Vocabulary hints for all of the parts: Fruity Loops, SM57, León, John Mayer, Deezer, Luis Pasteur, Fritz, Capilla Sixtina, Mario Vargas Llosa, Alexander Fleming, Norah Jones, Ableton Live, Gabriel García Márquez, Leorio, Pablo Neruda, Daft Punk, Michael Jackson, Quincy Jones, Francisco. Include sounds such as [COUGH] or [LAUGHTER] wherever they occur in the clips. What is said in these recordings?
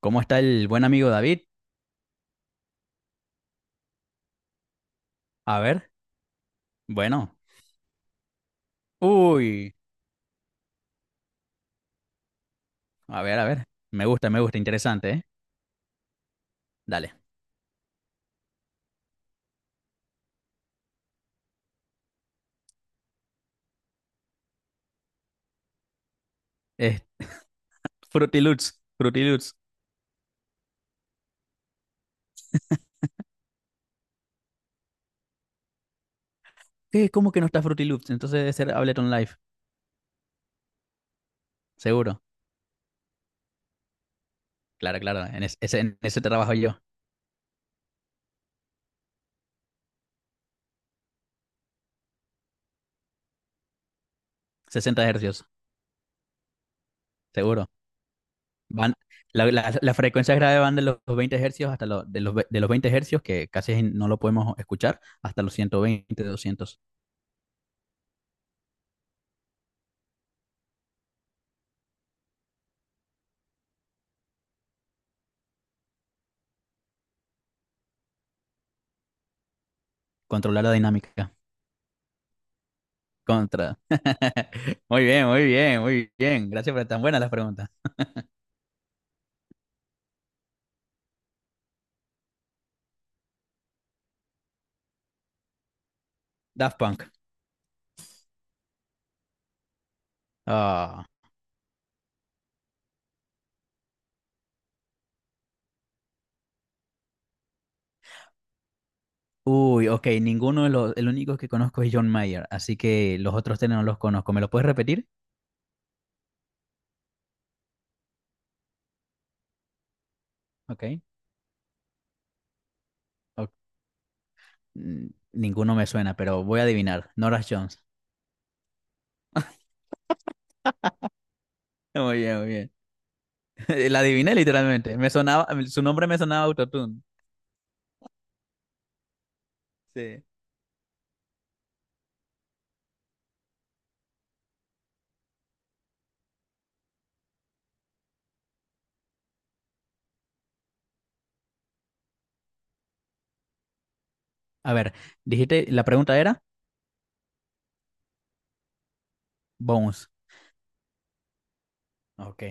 ¿Cómo está el buen amigo David? A ver, bueno. Uy, a ver, a ver. Me gusta, interesante, ¿eh? Dale. Eh, Fruity Loops, Fruity Loops. ¿Qué? ¿Cómo que no está Fruity Loops? Entonces debe ser Ableton Live, seguro. Claro, claro, en ese trabajo yo. 60 hercios, seguro. Van, las frecuencias graves van de los 20 hercios hasta los, de los, ve- de los 20 hercios, que casi no lo podemos escuchar, hasta los 120, 200. Controlar la dinámica. Contra. [LAUGHS] Muy bien, muy bien, muy bien. Gracias por tan buenas las preguntas. Daft Punk. Ah. Uy, ok, el único que conozco es John Mayer, así que los otros tres no los conozco. ¿Me lo puedes repetir? Ok. Ok, mm, Ninguno me suena, pero voy a adivinar. Norah Jones. [LAUGHS] Muy bien, muy bien. [LAUGHS] La adiviné literalmente. Me sonaba, su nombre me sonaba autotune. Sí. A ver, dijiste, la pregunta era Bones. Ok.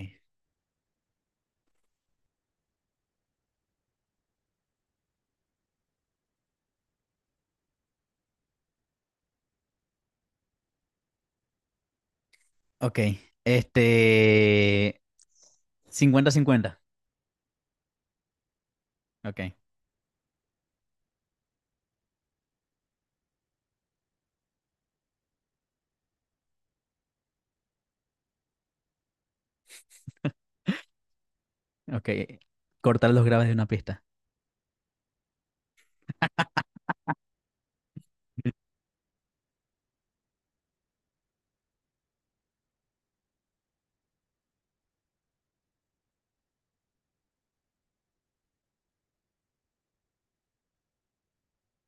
Ok. Este cincuenta cincuenta. Ok. Ok. Cortar los graves de una pista.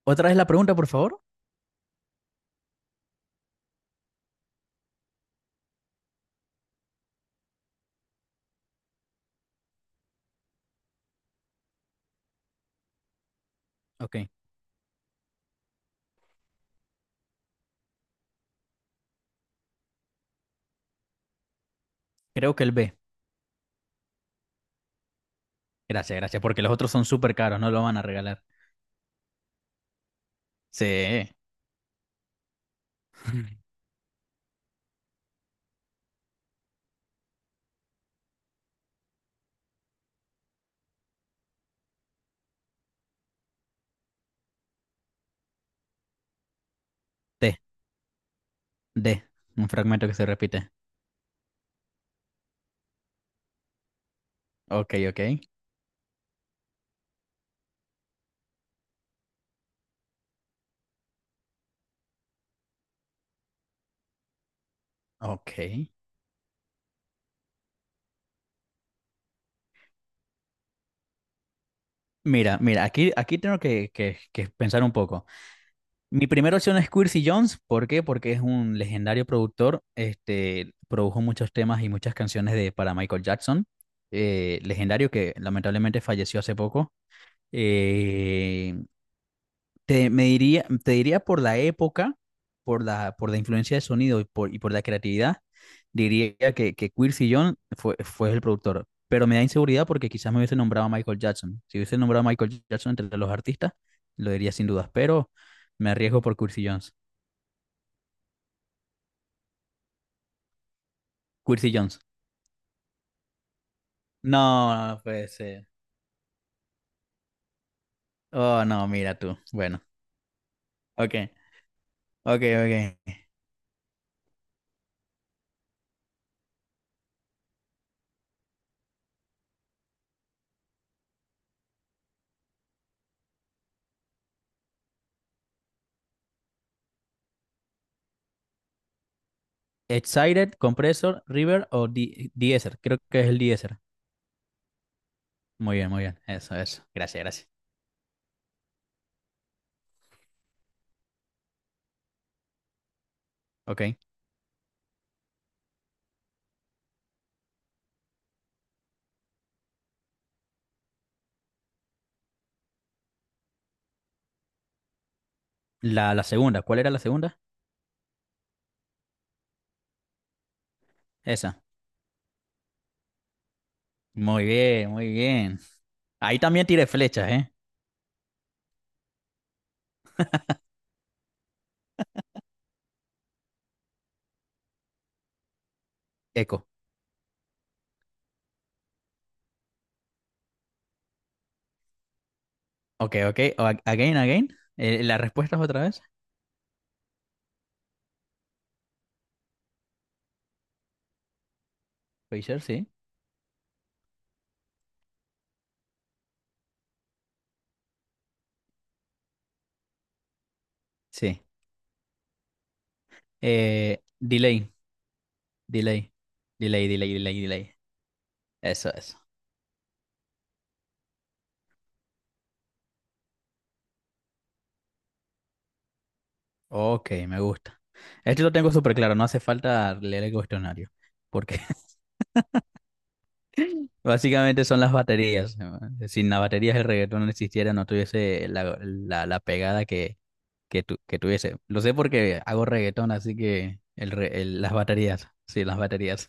Otra vez la pregunta, por favor. Ok. Creo que el B. Gracias, gracias, porque los otros son súper caros, no lo van a regalar. Sí. T. D. Un fragmento que se repite. Ok, ok. Ok. Mira, mira, aquí, aquí tengo que pensar un poco. Mi primera opción es Quincy Jones. ¿Por qué? Porque es un legendario productor. Produjo muchos temas y muchas canciones para Michael Jackson. Legendario que lamentablemente falleció hace poco. Eh, te diría por la época, por la influencia de sonido y por la creatividad, diría que Quincy Jones fue el productor. Pero me da inseguridad porque quizás me hubiese nombrado a Michael Jackson. Si hubiese nombrado a Michael Jackson entre los artistas, lo diría sin dudas. Pero me arriesgo por Quincy Jones. Quincy Jones. No, no puede ser. Oh, no, mira tú. Bueno, ok, ok, ok. Excited, Compressor, River o Deezer. Creo que es el Deezer. Muy bien, muy bien. Eso, eso. Gracias, gracias. Ok. La segunda, ¿cuál era la segunda? Esa. Muy bien, muy bien. Ahí también tiré flechas, ¿eh? Eco. Ok, ok. Again, again. ¿Las respuestas otra vez? Phaser, sí. Sí. Delay, delay. Delay, delay, delay, delay. Eso, eso. Ok, me gusta. Esto lo tengo súper claro, no hace falta leer el cuestionario. Porque Básicamente son las baterías, ¿no? Sin las baterías el reggaetón no existiera, no tuviese la pegada que tuviese. Lo sé porque hago reggaetón, así que las baterías, sí, las baterías.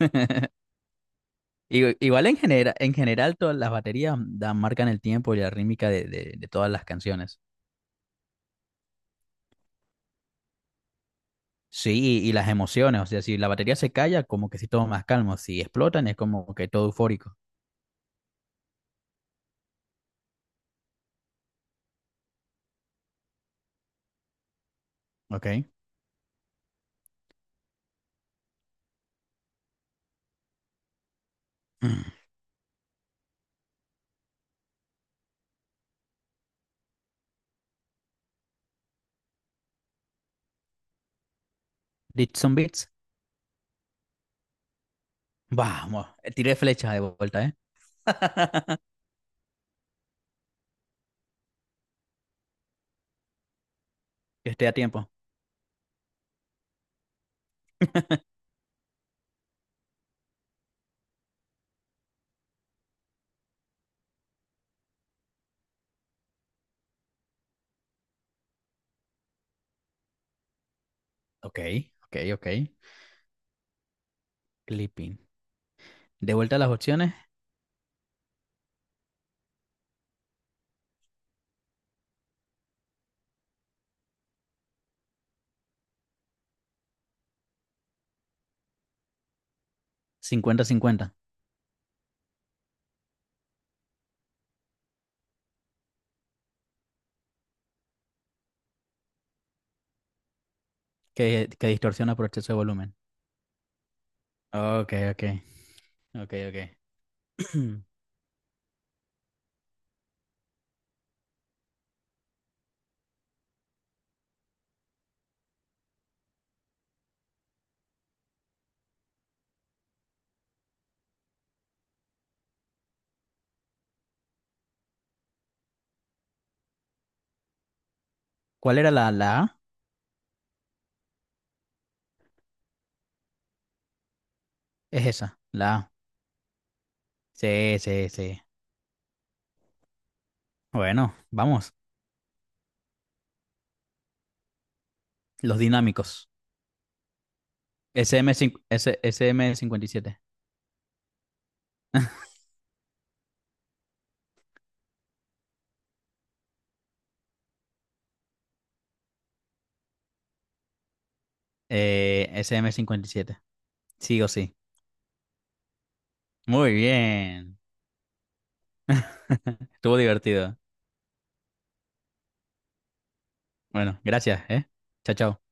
[LAUGHS] Igual en general todas las baterías marcan el tiempo y la rítmica de todas las canciones. Sí, y las emociones, o sea, si la batería se calla, como que si todo más calmo, si explotan es como que todo eufórico. Ok. [CLEARS THROAT] Mm. Did some beats? Vamos, tiré flecha de vuelta, ¿eh? [LAUGHS] Que esté a tiempo. Ok, ok, ok. Clipping. De vuelta a las opciones. Cincuenta cincuenta. Que distorsiona por exceso de volumen. Ok, ok, ok, ok. [CLEARS THROAT] ¿Cuál era la A? Es esa, la A. Sí, sí, sí. Bueno, vamos. Los dinámicos. s m 5 S- SM57. SM57. Sí o sí. Muy bien. [LAUGHS] Estuvo divertido. Bueno, gracias, ¿eh? Chao, chao.